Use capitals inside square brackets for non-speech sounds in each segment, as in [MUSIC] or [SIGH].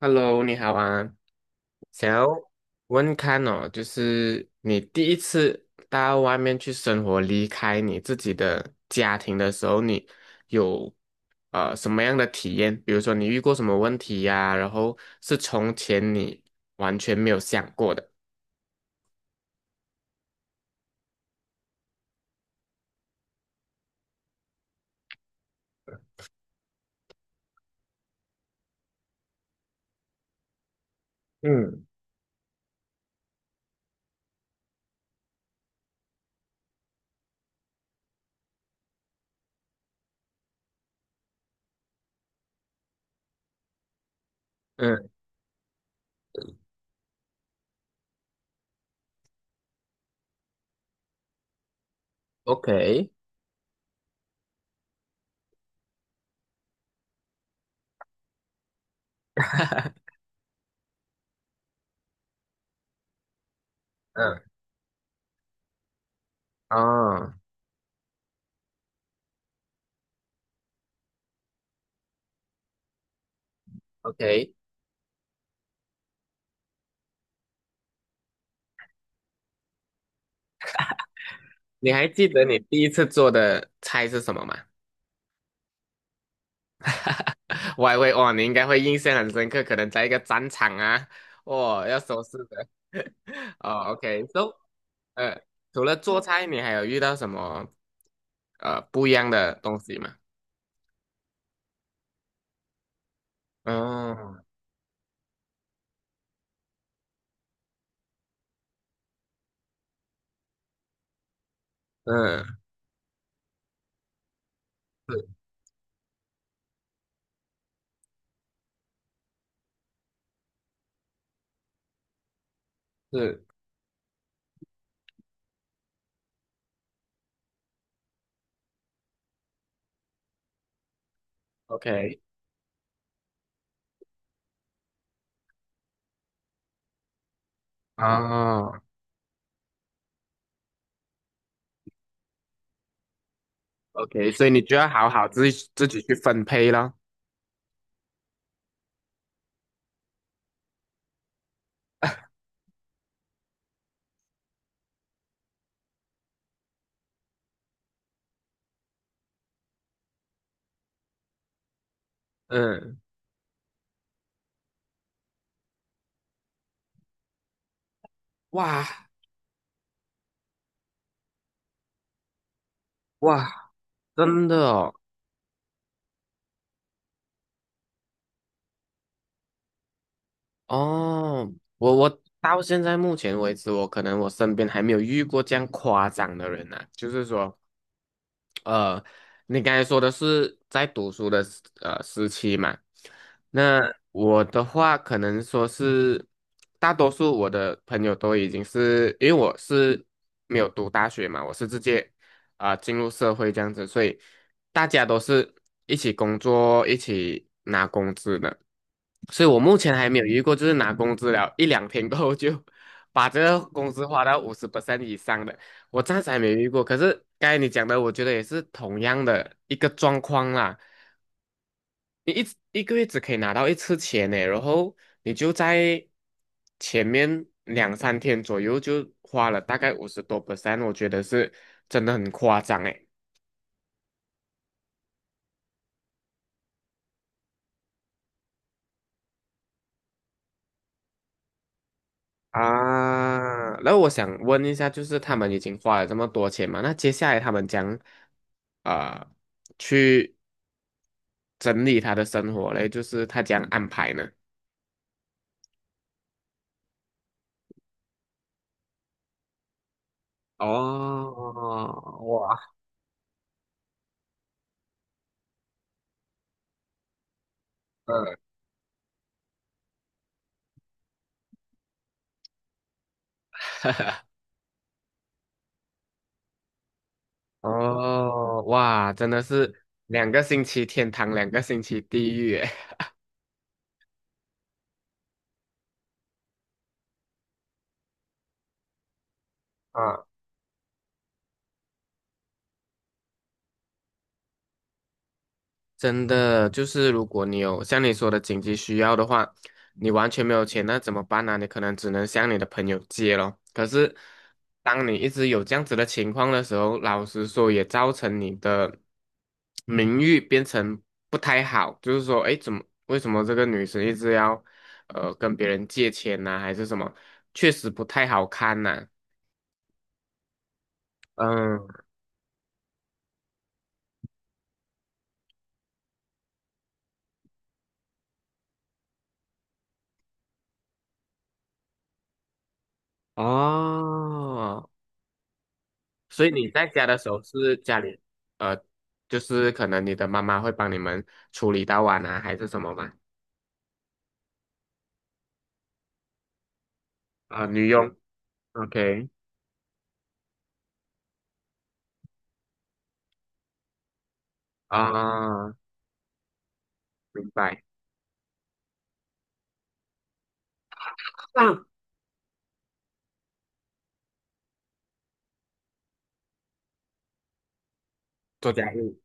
Hello，你好啊，想要问看哦，就是你第一次到外面去生活，离开你自己的家庭的时候，你有什么样的体验？比如说你遇过什么问题呀、然后是从前你完全没有想过的。嗯嗯，OK，嗯，哦，OK，你还记得你第一次做的菜是什么吗？[LAUGHS] 我还会哦，你应该会印象很深刻，可能在一个战场啊，哦，要收拾的。[LAUGHS] 哦，OK，so，呃，除了做菜，你还有遇到什么不一样的东西吗？嗯嗯，是是，OK，哦，OK，所以你就要好好自己去分配咯。嗯，哇哇，真的哦。哦，我到现在目前为止，我可能我身边还没有遇过这样夸张的人呐、就是说，呃，你刚才说的是在读书的时期嘛，那我的话可能说是大多数我的朋友都已经是因为我是没有读大学嘛，我是直接啊、进入社会这样子，所以大家都是一起工作、一起拿工资的。所以我目前还没有遇过，就是拿工资了一两天过后就把这个工资花到50% 以上的，我暂时还没遇过。可是刚才你讲的，我觉得也是同样的一个状况啦。你一个月只可以拿到一次钱呢，然后你就在前面两三天左右就花了大概50多%，我觉得是真的很夸张诶。啊，那我想问一下，就是他们已经花了这么多钱嘛，那接下来他们将啊、呃去整理他的生活嘞，就是他将安排呢？哦，哇，嗯，哦，哇，真的是两个星期天堂，两个星期地狱诶。[LAUGHS] 真的就是如果你有像你说的紧急需要的话，你完全没有钱，那怎么办呢、你可能只能向你的朋友借咯。可是，当你一直有这样子的情况的时候，老实说也造成你的名誉变成不太好，就是说，哎，怎么为什么这个女生一直要跟别人借钱呢、还是什么？确实不太好看呐、嗯，哦。所以你在家的时候是家里，呃，就是可能你的妈妈会帮你们处理到碗啊，还是什么吗？啊、女佣，OK，啊、明白。[COUGHS] 啊做家务，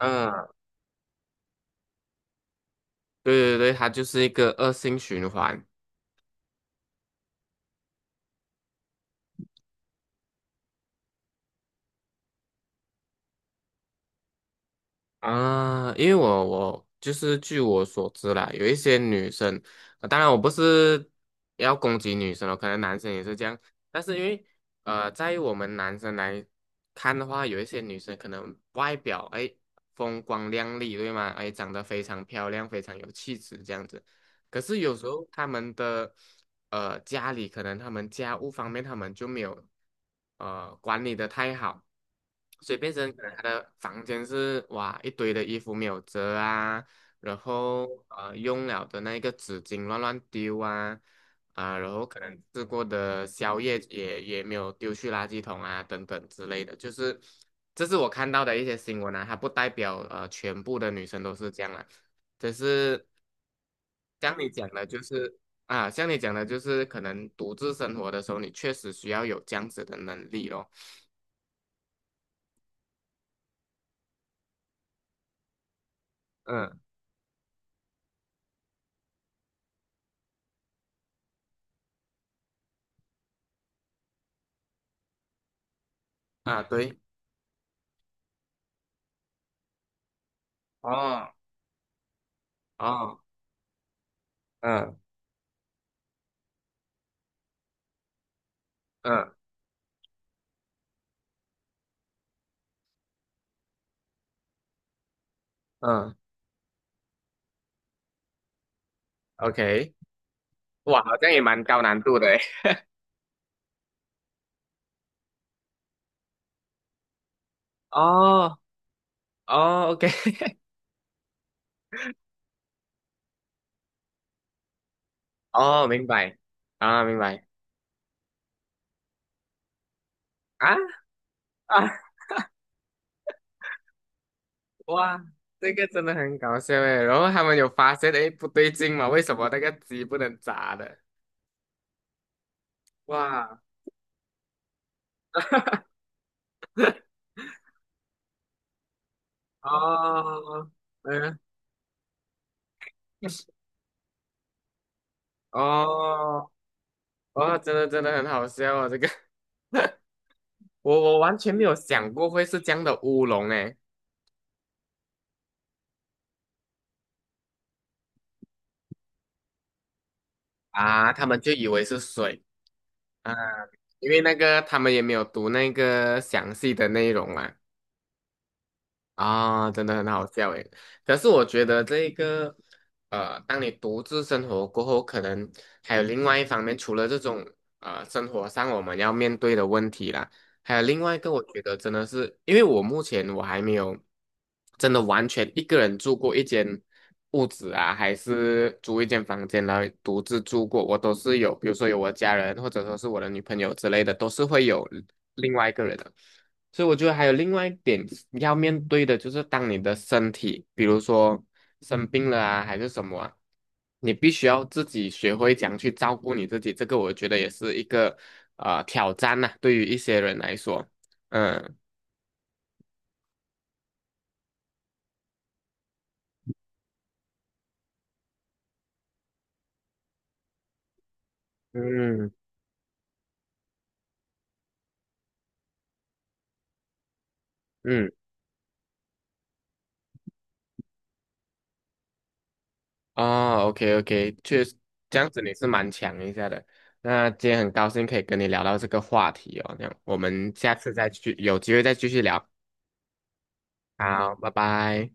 嗯、对对对，它就是一个恶性循环。啊，因为我就是据我所知啦，有一些女生，当然我不是要攻击女生哦，可能男生也是这样，但是因为在于我们男生来看的话，有一些女生可能外表哎风光亮丽，对吗？哎，长得非常漂亮，非常有气质这样子，可是有时候他们的家里可能他们家务方面他们就没有管理的太好，所以变成可能他的房间是哇一堆的衣服没有折啊，然后用了的那个纸巾乱乱丢啊，啊、然后可能吃过的宵夜也没有丢去垃圾桶啊等等之类的，就是这是我看到的一些新闻啊，它不代表全部的女生都是这样啊。只是像你讲的，就是像你讲的，就是可能独自生活的时候，你确实需要有这样子的能力咯。嗯，啊，对，哦，哦，嗯嗯嗯，OK，哇，好像也蛮高难度的诶。哦哦，OK，[LAUGHS] 哦，明白啊，明白啊啊，哇，这个真的很搞笑诶。然后他们有发现，诶，不对劲嘛，为什么那个鸡不能炸的？哇，哦，嗯，哦。哇，真的真的很好笑啊！哦这个 [LAUGHS] 我完全没有想过会是这样的乌龙诶啊，他们就以为是水啊，因为那个他们也没有读那个详细的内容嘛，啊，真的很好笑诶。可是我觉得这一个，当你独自生活过后，可能还有另外一方面，除了这种生活上我们要面对的问题啦，还有另外一个，我觉得真的是，因为我目前我还没有真的完全一个人住过一间屋子啊，还是租一间房间来独自住过，我都是有，比如说有我家人，或者说是我的女朋友之类的，都是会有另外一个人的。所以我觉得还有另外一点要面对的，就是当你的身体，比如说生病了啊，还是什么啊，你必须要自己学会怎样去照顾你自己。这个我觉得也是一个挑战呐、对于一些人来说，嗯嗯嗯，哦，OK OK，确实这样子你是蛮强一下的。那今天很高兴可以跟你聊到这个话题哦，那我们下次再去有机会再继续聊。好，拜拜。